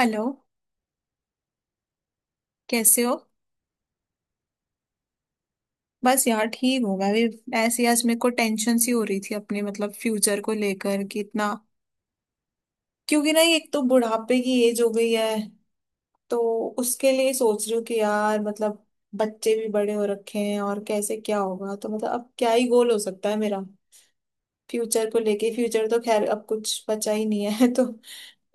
Hello. कैसे हो? बस यार, ठीक हूँ मैं भी। ऐसे ही आज मेरे को टेंशन सी हो रही थी अपने मतलब फ्यूचर को लेकर कि इतना। क्योंकि ना एक तो बुढ़ापे की एज हो गई है। तो उसके लिए सोच रही हूँ कि यार मतलब बच्चे भी बड़े हो रखे हैं और कैसे क्या होगा। तो मतलब अब क्या ही गोल हो सकता है मेरा फ्यूचर को लेके। फ्यूचर तो खैर अब कुछ बचा ही नहीं है तो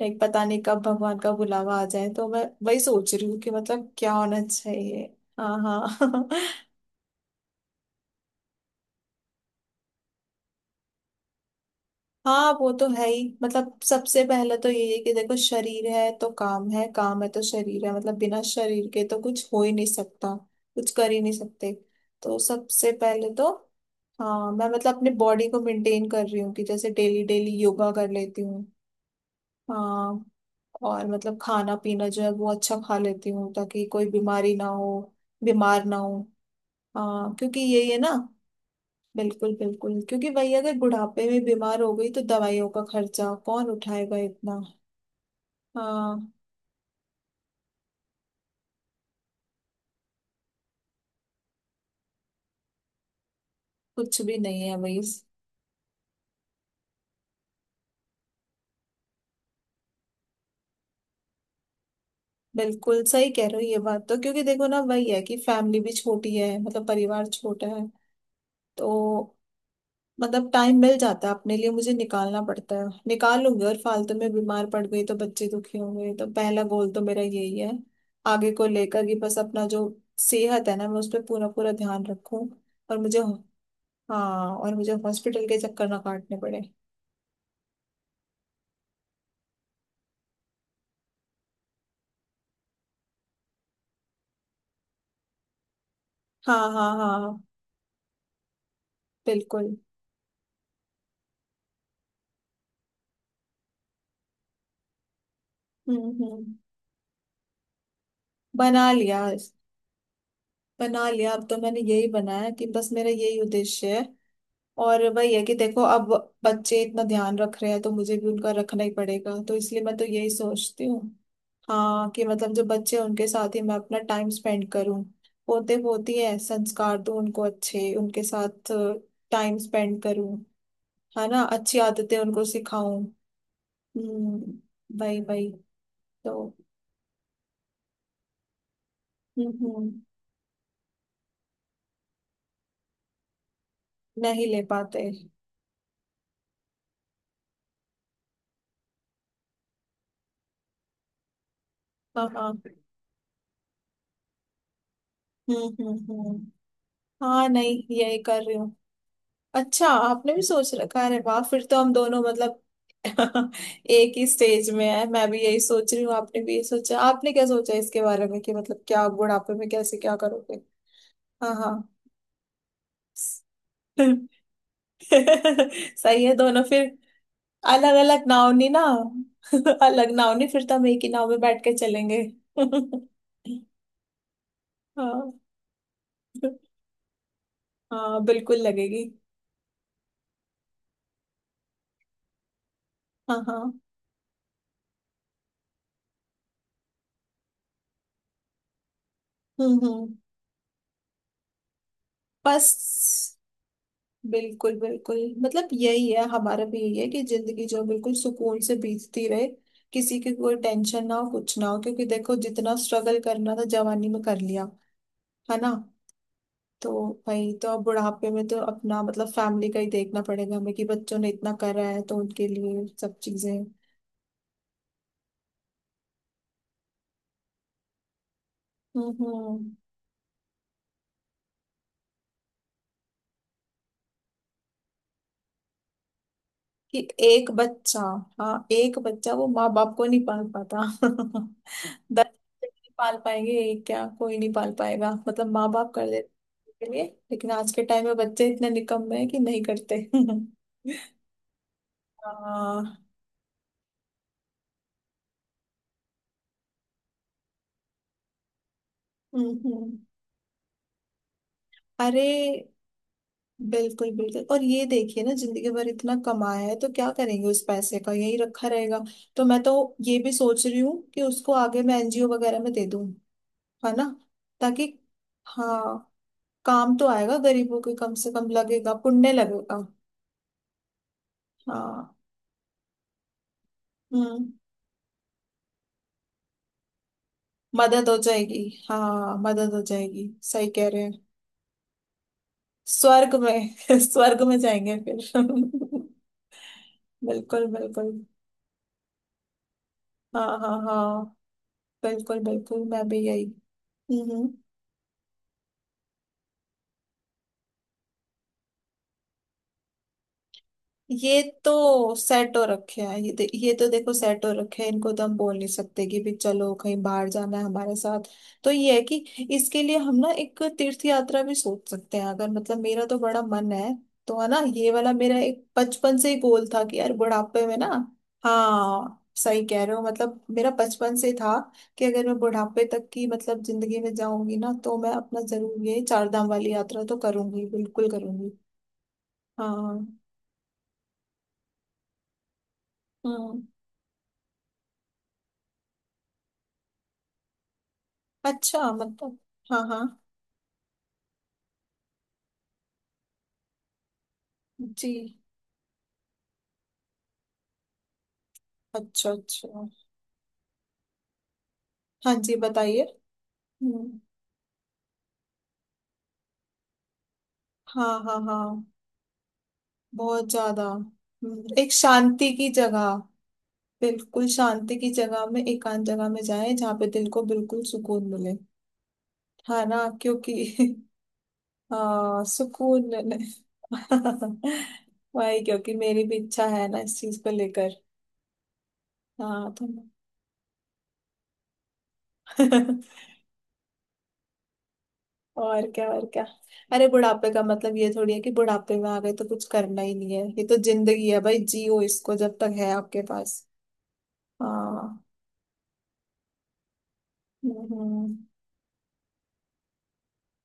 लाइक पता नहीं कब भगवान का बुलावा आ जाए, तो मैं वही सोच रही हूँ कि मतलब क्या होना चाहिए। हाँ। हाँ हाँ वो तो है ही। मतलब सबसे पहले तो यही है कि देखो, शरीर है तो काम है, काम है तो शरीर है। मतलब बिना शरीर के तो कुछ हो ही नहीं सकता। कुछ कर ही नहीं सकते। तो सबसे पहले तो। हाँ मैं मतलब अपने बॉडी को मेंटेन कर रही हूँ कि जैसे डेली डेली योगा कर लेती हूँ। हाँ। और मतलब खाना पीना जो है वो अच्छा खा लेती हूँ ताकि कोई बीमारी ना हो, बीमार ना हो। हाँ, क्योंकि यही है ना। बिल्कुल बिल्कुल, क्योंकि वही अगर बुढ़ापे में बीमार हो गई तो दवाइयों का खर्चा कौन उठाएगा इतना। हाँ। कुछ भी नहीं है वही। बिल्कुल सही कह रहे हो ये बात तो, क्योंकि देखो ना, वही है कि फैमिली भी छोटी है, मतलब परिवार छोटा है। तो मतलब टाइम मिल जाता है अपने लिए, मुझे निकालना पड़ता है, निकाल लूंगी। और फालतू में बीमार पड़ गई तो बच्चे दुखी होंगे। तो पहला गोल तो मेरा यही है आगे को लेकर कि बस अपना जो सेहत है ना, मैं उस पर पूरा पूरा ध्यान रखूं। और मुझे। हाँ, और मुझे हॉस्पिटल के चक्कर ना काटने पड़े। हाँ हाँ हाँ बिल्कुल। हम्म। बना लिया, बना लिया, अब तो मैंने यही बनाया कि बस मेरा यही उद्देश्य है। और वही है कि देखो, अब बच्चे इतना ध्यान रख रहे हैं तो मुझे भी उनका रखना ही पड़ेगा, तो इसलिए मैं तो यही सोचती हूँ। हाँ, कि मतलब जो बच्चे हैं उनके साथ ही मैं अपना टाइम स्पेंड करूँ। पोते पोती है, संस्कार दूँ उनको अच्छे, उनके साथ टाइम स्पेंड करूँ, है ना, अच्छी आदतें उनको सिखाऊं। हम्म। भाई भाई। तो हम्म। नहीं ले पाते। हाँ हाँ। हम्म। हाँ नहीं, यही कर रही हूँ। अच्छा, आपने भी सोच रखा है? अरे वाह, फिर तो हम दोनों मतलब एक ही स्टेज में है। मैं भी यही सोच रही हूँ, आपने भी यही सोचा। आपने क्या सोचा इसके बारे में कि मतलब क्या आप बुढ़ापे में कैसे क्या करोगे? हाँ हाँ सही है दोनों फिर। अलग अलग नाव नहीं ना अलग नाव नहीं, फिर तो हम एक ही नाव में बैठ के चलेंगे हाँ हाँ बिल्कुल लगेगी। हाँ हाँ। हम्म। बस। बिल्कुल बिल्कुल, मतलब यही है, हमारा भी यही है कि जिंदगी जो बिल्कुल सुकून से बीतती रहे। किसी की कोई टेंशन ना हो, कुछ ना हो, क्योंकि देखो जितना स्ट्रगल करना था जवानी में कर लिया, है ना। तो भाई, तो अब बुढ़ापे में तो अपना मतलब फैमिली का ही देखना पड़ेगा हमें कि बच्चों ने इतना करा है तो उनके लिए सब चीजें। हम्म। कि एक बच्चा। हाँ एक बच्चा वो माँ बाप को नहीं पाल पाता दस बच्चे नहीं पाल पाएंगे, एक क्या कोई नहीं पाल पाएगा। मतलब माँ बाप कर देते हैं के लिए। लेकिन आज के टाइम में बच्चे इतने निकम्मे हैं कि नहीं करते हाँ। हम्म हम्म। अरे बिल्कुल बिल्कुल। और ये देखिए ना, जिंदगी भर इतना कमाया है तो क्या करेंगे उस पैसे का, यही रखा रहेगा। तो मैं तो ये भी सोच रही हूँ कि उसको आगे मैं एनजीओ वगैरह में दे दूँ, है ना, ताकि। हाँ, काम तो आएगा गरीबों के कम से कम, लगेगा, पुण्य लगेगा। हाँ। हम्म। मदद हो जाएगी। हाँ मदद हो जाएगी, सही कह रहे हैं। स्वर्ग में स्वर्ग में जाएंगे फिर बिल्कुल बिल्कुल। हाँ हाँ हाँ बिल्कुल बिल्कुल, मैं भी यही। हम्म हम्म। ये तो सेट हो रखे हैं ये तो देखो सेट हो रखे हैं। इनको तो हम बोल नहीं सकते कि भी चलो कहीं बाहर जाना है हमारे साथ। तो ये है कि इसके लिए हम ना एक तीर्थ यात्रा भी सोच सकते हैं अगर, मतलब मेरा तो बड़ा मन है। तो है ना, ये वाला मेरा एक बचपन से ही गोल था कि यार बुढ़ापे में ना। हाँ सही कह रहे हो, मतलब मेरा बचपन से था कि अगर मैं बुढ़ापे तक की मतलब जिंदगी में जाऊंगी ना, तो मैं अपना जरूर ये चार धाम वाली यात्रा तो करूंगी, बिल्कुल करूंगी। हाँ। हम्म। अच्छा मतलब। हाँ हाँ जी। अच्छा अच्छा। हाँ जी बताइए। हम्म। हाँ हाँ हाँ, बहुत ज्यादा। एक शांति की जगह, बिल्कुल शांति की जगह में, एकांत जगह में जाए जहाँ पे दिल को बिल्कुल सुकून मिले, है ना, क्योंकि सुकून मिले वही, क्योंकि मेरी भी इच्छा है ना इस चीज को लेकर। हाँ तो और क्या, और क्या, अरे बुढ़ापे का मतलब ये थोड़ी है कि बुढ़ापे में आ गए तो कुछ करना ही नहीं है। ये तो जिंदगी है भाई, जियो इसको जब तक है आपके पास। हाँ। हम्म,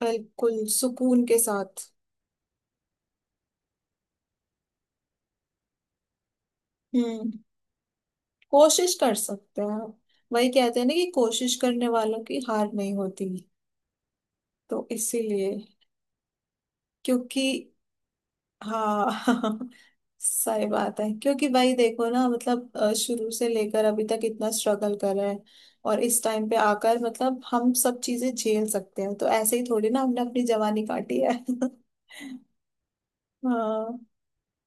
बिल्कुल सुकून के साथ। हम्म। कोशिश कर सकते हैं आप, वही कहते हैं ना कि कोशिश करने वालों की हार नहीं होती, तो इसीलिए। क्योंकि। हाँ सही बात है, क्योंकि भाई देखो ना मतलब शुरू से लेकर अभी तक इतना स्ट्रगल कर रहे हैं। और इस टाइम पे आकर मतलब हम सब चीजें झेल सकते हैं। तो ऐसे ही थोड़ी ना हमने अपनी जवानी काटी है हाँ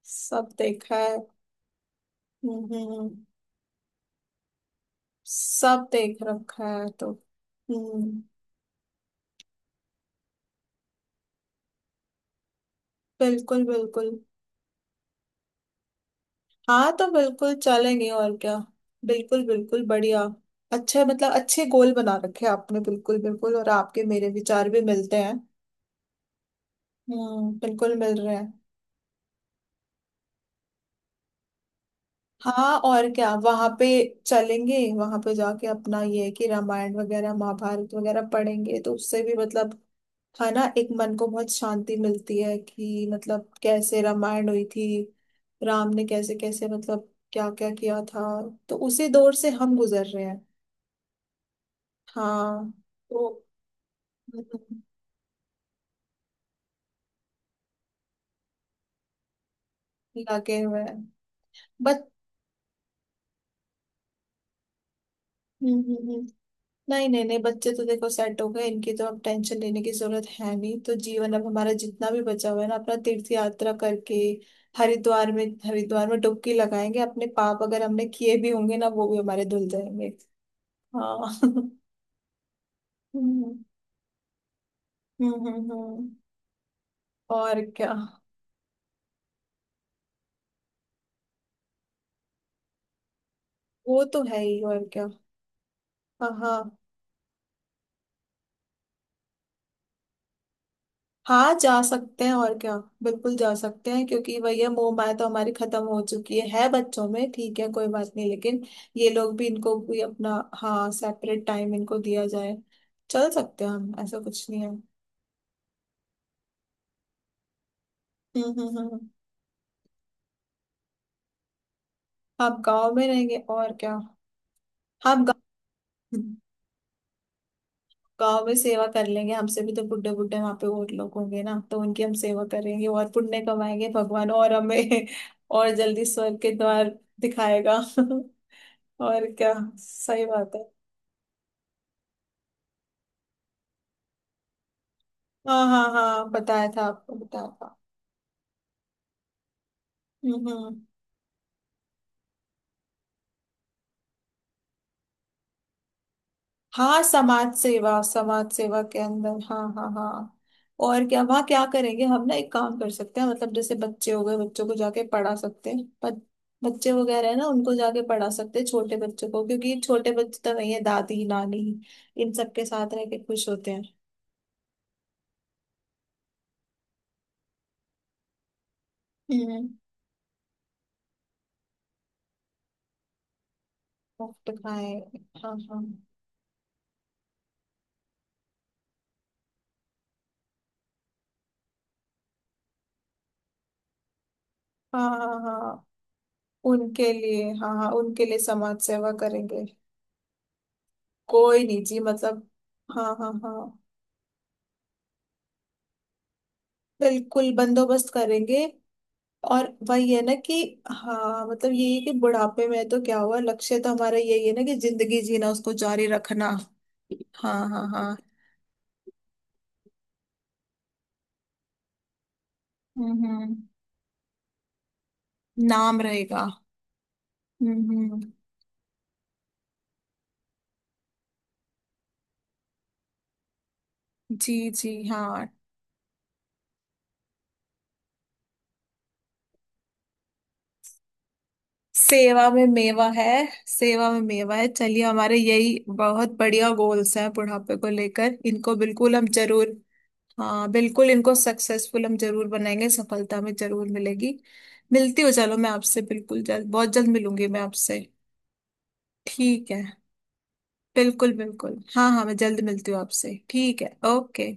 सब देखा है। हम्म। सब देख रखा है तो। हम्म बिल्कुल बिल्कुल। हाँ तो बिल्कुल चलेंगे और क्या। बिल्कुल बिल्कुल बढ़िया। अच्छे, मतलब अच्छे गोल बना रखे हैं आपने, बिल्कुल बिल्कुल। और आपके मेरे विचार भी मिलते हैं। बिल्कुल मिल रहे हैं। हाँ। और क्या, वहां पे चलेंगे, वहां पे जाके अपना ये है कि रामायण वगैरह महाभारत वगैरह पढ़ेंगे, तो उससे भी मतलब, है ना, एक मन को बहुत शांति मिलती है कि मतलब कैसे रामायण हुई थी, राम ने कैसे कैसे मतलब क्या क्या किया था। तो उसी दौर से हम गुजर रहे हैं। हाँ तो। हम्म, लगे हुए हैं। बट। हम्म। हम्म। नहीं नहीं नहीं, बच्चे तो देखो सेट हो गए, इनकी तो अब टेंशन लेने की जरूरत है नहीं। तो जीवन अब हमारा जितना भी बचा हुआ है ना, अपना तीर्थ यात्रा करके हरिद्वार में, हरिद्वार में डुबकी लगाएंगे, अपने पाप अगर हमने किए भी होंगे ना वो भी हमारे धुल जाएंगे। हाँ हम्म हम्म हम्म हम्म। और क्या। वो तो है ही, और क्या। हाँ हाँ हाँ जा सकते हैं, और क्या। बिल्कुल जा सकते हैं, क्योंकि वही है, मोह माया तो हमारी खत्म हो चुकी है बच्चों में। ठीक है कोई बात नहीं, लेकिन ये लोग भी, इनको भी अपना, हाँ, सेपरेट टाइम इनको दिया जाए, चल सकते हैं हम, ऐसा कुछ नहीं है। हम्म हम्म हम्म हम्म। आप गांव में रहेंगे, और क्या। हम गांव गांव में सेवा कर लेंगे, हमसे भी तो बुड्ढे बुड्ढे वहां पे और लोग होंगे ना, तो उनकी हम सेवा करेंगे और पुण्य कमाएंगे, भगवान और हमें और जल्दी स्वर्ग के द्वार दिखाएगा और क्या, सही बात है। हाँ हाँ हाँ बताया था, आपको बताया था। हम्म हम्म। हाँ। समाज सेवा, समाज सेवा के अंदर, हाँ हाँ हाँ। और क्या, वहाँ क्या करेंगे हम? ना एक काम कर सकते हैं, मतलब जैसे बच्चे हो गए, बच्चों को जाके पढ़ा सकते हैं पर, बच्चे वगैरह है ना उनको जाके पढ़ा सकते हैं, छोटे बच्चों को, क्योंकि छोटे बच्चे तो वही है, दादी नानी इन सबके साथ रह के खुश होते हैं। हम्म। मुफ्त खाए। हाँ हाँ हाँ हाँ हाँ उनके लिए, हाँ हाँ, उनके लिए समाज सेवा करेंगे। कोई नहीं जी, मतलब। हाँ हाँ हाँ बिल्कुल बंदोबस्त करेंगे। और वही है ना कि, हाँ, मतलब यही है कि बुढ़ापे में तो क्या हुआ, लक्ष्य तो हमारा यही है ना कि जिंदगी जीना, उसको जारी रखना। हाँ हाँ हाँ। हम्म। नाम रहेगा। हम्म। जी जी हाँ। सेवा में मेवा है, सेवा में मेवा है, चलिए हमारे यही बहुत बढ़िया गोल्स हैं बुढ़ापे को लेकर, इनको बिल्कुल हम जरूर, हाँ बिल्कुल इनको सक्सेसफुल हम जरूर बनाएंगे, सफलता में जरूर मिलेगी। मिलती हूँ, चलो मैं आपसे बिल्कुल जल्द, बहुत जल्द मिलूंगी मैं आपसे, ठीक है, बिल्कुल बिल्कुल, हाँ हाँ, मैं जल्द मिलती हूँ आपसे। ठीक है। ओके।